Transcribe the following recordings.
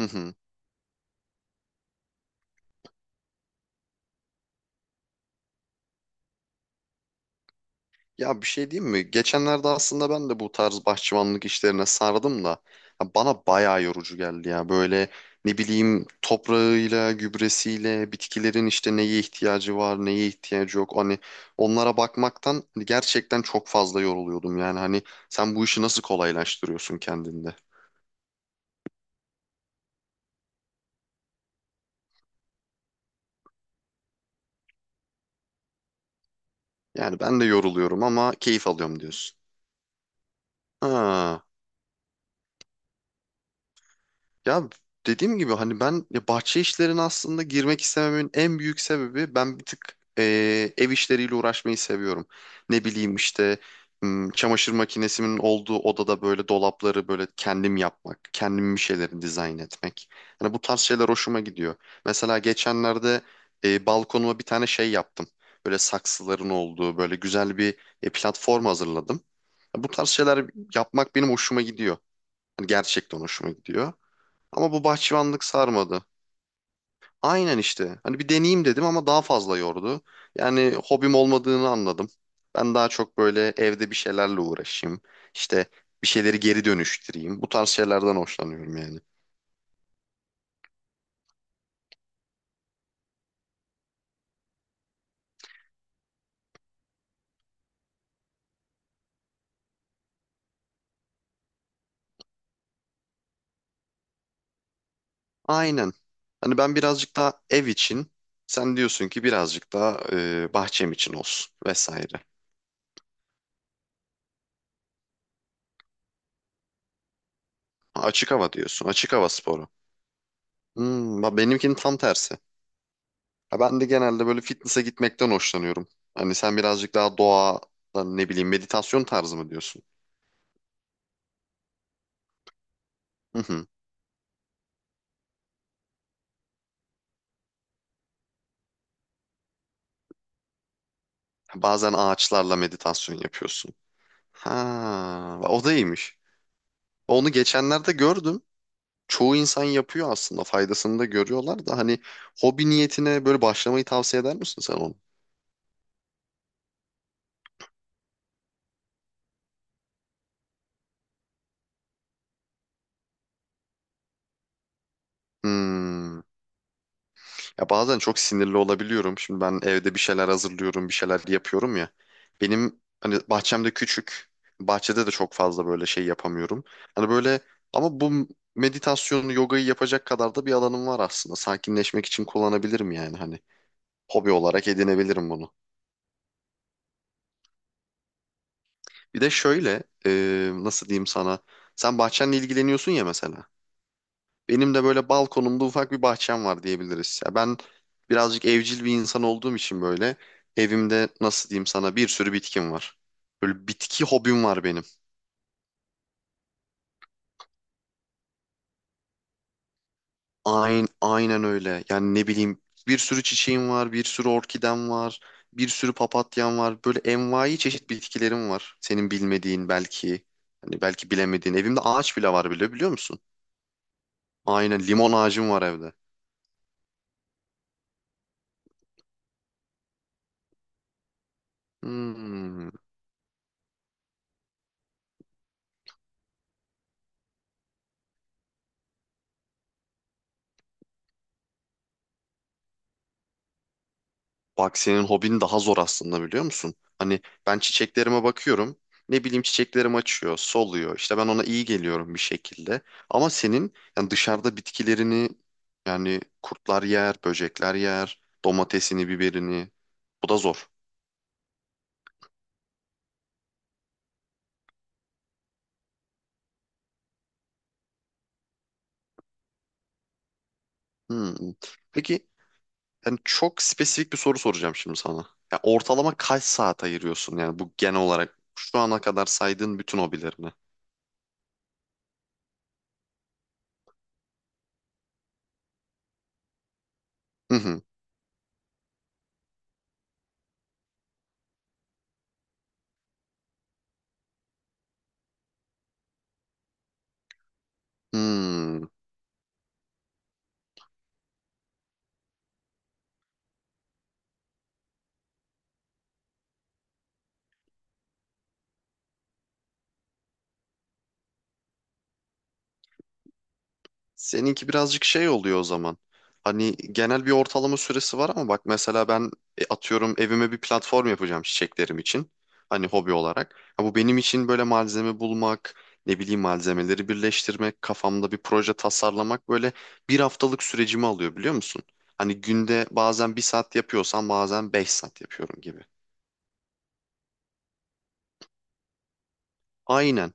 Hı hı. Ya bir şey diyeyim mi? Geçenlerde aslında ben de bu tarz bahçıvanlık işlerine sardım da ya bana bayağı yorucu geldi ya. Böyle ne bileyim toprağıyla, gübresiyle, bitkilerin işte neye ihtiyacı var, neye ihtiyacı yok. Hani onlara bakmaktan gerçekten çok fazla yoruluyordum. Yani hani sen bu işi nasıl kolaylaştırıyorsun kendinde? Yani ben de yoruluyorum ama keyif alıyorum diyorsun. Ha. Ya dediğim gibi hani ben ya bahçe işlerine aslında girmek istememin en büyük sebebi ben bir tık ev işleriyle uğraşmayı seviyorum. Ne bileyim işte çamaşır makinesimin olduğu odada böyle dolapları böyle kendim yapmak, kendim bir şeyleri dizayn etmek. Hani bu tarz şeyler hoşuma gidiyor. Mesela geçenlerde balkonuma bir tane şey yaptım. Böyle saksıların olduğu böyle güzel bir platform hazırladım. Bu tarz şeyler yapmak benim hoşuma gidiyor. Hani gerçekten hoşuma gidiyor. Ama bu bahçıvanlık sarmadı. Aynen işte. Hani bir deneyeyim dedim ama daha fazla yordu. Yani hobim olmadığını anladım. Ben daha çok böyle evde bir şeylerle uğraşayım. İşte bir şeyleri geri dönüştüreyim. Bu tarz şeylerden hoşlanıyorum yani. Aynen. Hani ben birazcık daha ev için, sen diyorsun ki birazcık daha bahçem için olsun vesaire. Ha, açık hava diyorsun. Açık hava sporu. Bak benimkinin tam tersi. Ya ben de genelde böyle fitness'a gitmekten hoşlanıyorum. Hani sen birazcık daha doğa, ne bileyim meditasyon tarzı mı diyorsun? Hı hı. Bazen ağaçlarla meditasyon yapıyorsun. Ha, o da iyiymiş. Onu geçenlerde gördüm. Çoğu insan yapıyor aslında. Faydasını da görüyorlar da hani hobi niyetine böyle başlamayı tavsiye eder misin sen onu? Hmm. Ya bazen çok sinirli olabiliyorum. Şimdi ben evde bir şeyler hazırlıyorum, bir şeyler yapıyorum ya. Benim hani bahçem de küçük. Bahçede de çok fazla böyle şey yapamıyorum. Hani böyle ama bu meditasyonu, yogayı yapacak kadar da bir alanım var aslında. Sakinleşmek için kullanabilirim yani hani. Hobi olarak edinebilirim bunu. Bir de şöyle, nasıl diyeyim sana? Sen bahçenle ilgileniyorsun ya mesela. Benim de böyle balkonumda ufak bir bahçem var diyebiliriz. Ya ben birazcık evcil bir insan olduğum için böyle evimde nasıl diyeyim sana bir sürü bitkim var. Böyle bitki hobim var benim. Aynen, aynen öyle. Yani ne bileyim bir sürü çiçeğim var, bir sürü orkidem var, bir sürü papatyam var. Böyle envai çeşit bitkilerim var. Senin bilmediğin belki, hani belki bilemediğin. Evimde ağaç bile var bile biliyor musun? Aynen limon ağacım var evde. Hmm. Bak senin hobin daha zor aslında biliyor musun? Hani ben çiçeklerime bakıyorum. Ne bileyim çiçeklerim açıyor, soluyor. İşte ben ona iyi geliyorum bir şekilde. Ama senin yani dışarıda bitkilerini yani kurtlar yer, böcekler yer, domatesini, biberini. Bu da zor. Hmm. Peki yani çok spesifik bir soru soracağım şimdi sana. Ya ortalama kaç saat ayırıyorsun yani bu genel olarak şu ana kadar saydığın bütün hobilerine? Hı hı. Hmm. Seninki birazcık şey oluyor o zaman. Hani genel bir ortalama süresi var ama bak mesela ben atıyorum evime bir platform yapacağım çiçeklerim için. Hani hobi olarak. Ha, bu benim için böyle malzeme bulmak, ne bileyim malzemeleri birleştirmek, kafamda bir proje tasarlamak böyle bir haftalık sürecimi alıyor biliyor musun? Hani günde bazen 1 saat yapıyorsam bazen 5 saat yapıyorum gibi. Aynen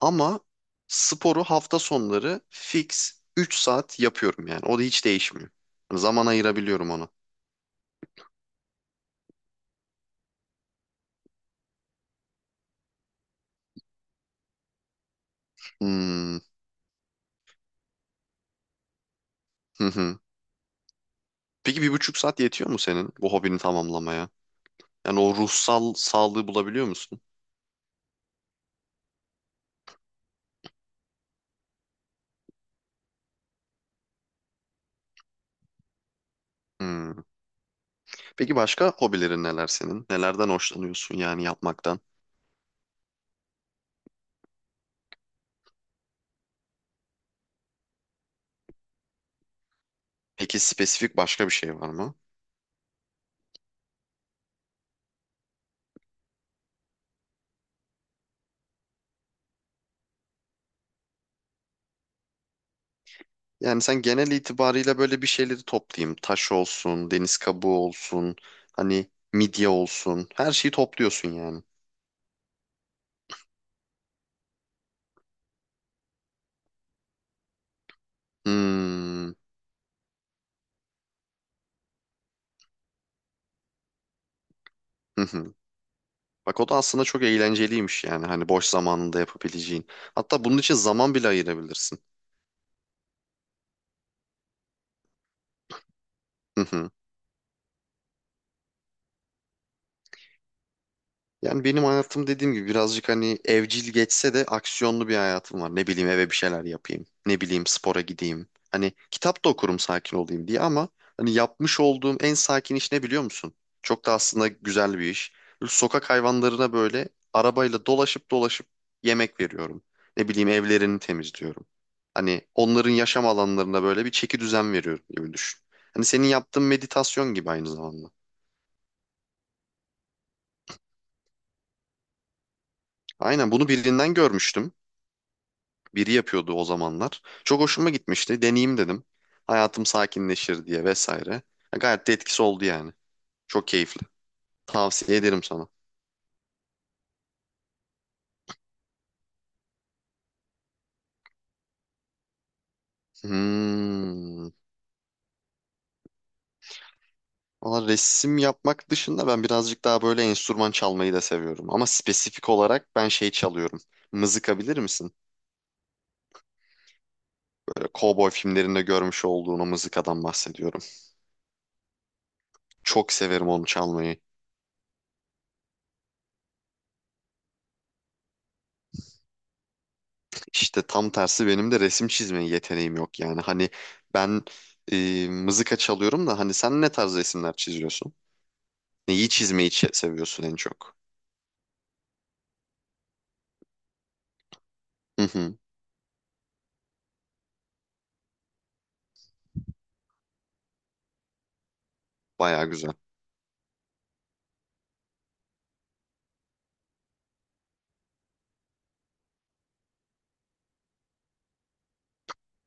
ama sporu hafta sonları fix 3 saat yapıyorum yani o da hiç değişmiyor. Yani zaman ayırabiliyorum ona. Hmm. Hı hı. Peki 1,5 saat yetiyor mu senin bu hobini tamamlamaya? Yani o ruhsal sağlığı bulabiliyor musun? Hmm. Peki başka hobilerin neler senin? Nelerden hoşlanıyorsun yani yapmaktan? Peki spesifik başka bir şey var mı? Yani sen genel itibariyle böyle bir şeyleri toplayayım. Taş olsun, deniz kabuğu olsun, hani midye olsun. Her şeyi topluyorsun yani. Hmm. Hı hı. Bak o da aslında çok eğlenceliymiş yani. Hani boş zamanında yapabileceğin. Hatta bunun için zaman bile ayırabilirsin. Hı hı. Yani benim hayatım dediğim gibi birazcık hani evcil geçse de aksiyonlu bir hayatım var. Ne bileyim eve bir şeyler yapayım. Ne bileyim spora gideyim. Hani kitap da okurum sakin olayım diye ama hani yapmış olduğum en sakin iş ne biliyor musun? Çok da aslında güzel bir iş. Böyle sokak hayvanlarına böyle arabayla dolaşıp dolaşıp yemek veriyorum. Ne bileyim evlerini temizliyorum. Hani onların yaşam alanlarına böyle bir çeki düzen veriyorum gibi düşün. Hani senin yaptığın meditasyon gibi aynı zamanda. Aynen bunu birinden görmüştüm. Biri yapıyordu o zamanlar. Çok hoşuma gitmişti. Deneyeyim dedim. Hayatım sakinleşir diye vesaire. Ya gayet de etkisi oldu yani. Çok keyifli. Tavsiye ederim sana. Hmm. Valla resim yapmak dışında ben birazcık daha böyle enstrüman çalmayı da seviyorum. Ama spesifik olarak ben şey çalıyorum. Mızıka bilir misin? Böyle kovboy filmlerinde görmüş olduğun o mızıkadan bahsediyorum. Çok severim onu çalmayı. İşte tam tersi benim de resim çizme yeteneğim yok yani. Hani ben mızıka çalıyorum da hani sen ne tarz resimler çiziyorsun? Neyi çizmeyi seviyorsun en çok? Hı hı, bayağı güzel.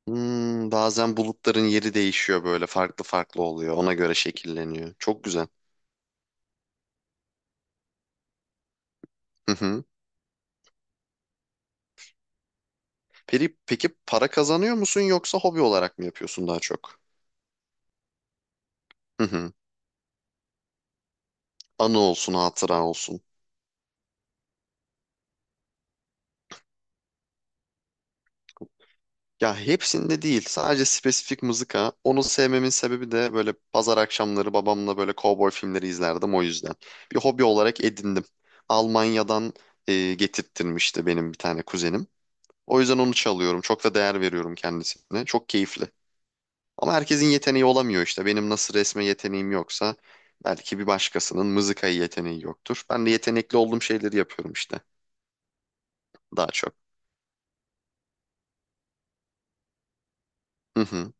Bazen bulutların yeri değişiyor böyle farklı farklı oluyor. Ona göre şekilleniyor. Çok güzel. Hı hı. Peki, peki para kazanıyor musun yoksa hobi olarak mı yapıyorsun daha çok? Hı hı. Anı olsun, hatıra olsun. Ya hepsinde değil. Sadece spesifik mızıka. Onu sevmemin sebebi de böyle pazar akşamları babamla böyle kovboy filmleri izlerdim o yüzden. Bir hobi olarak edindim. Almanya'dan getirttirmişti benim bir tane kuzenim. O yüzden onu çalıyorum. Çok da değer veriyorum kendisine. Çok keyifli. Ama herkesin yeteneği olamıyor işte. Benim nasıl resme yeteneğim yoksa belki bir başkasının mızıkaya yeteneği yoktur. Ben de yetenekli olduğum şeyleri yapıyorum işte daha çok.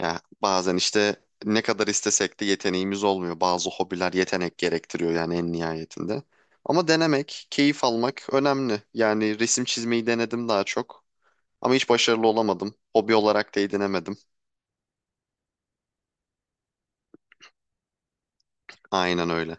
Ya bazen işte ne kadar istesek de yeteneğimiz olmuyor. Bazı hobiler yetenek gerektiriyor yani en nihayetinde. Ama denemek, keyif almak önemli. Yani resim çizmeyi denedim daha çok. Ama hiç başarılı olamadım. Hobi olarak da edinemedim. Aynen öyle.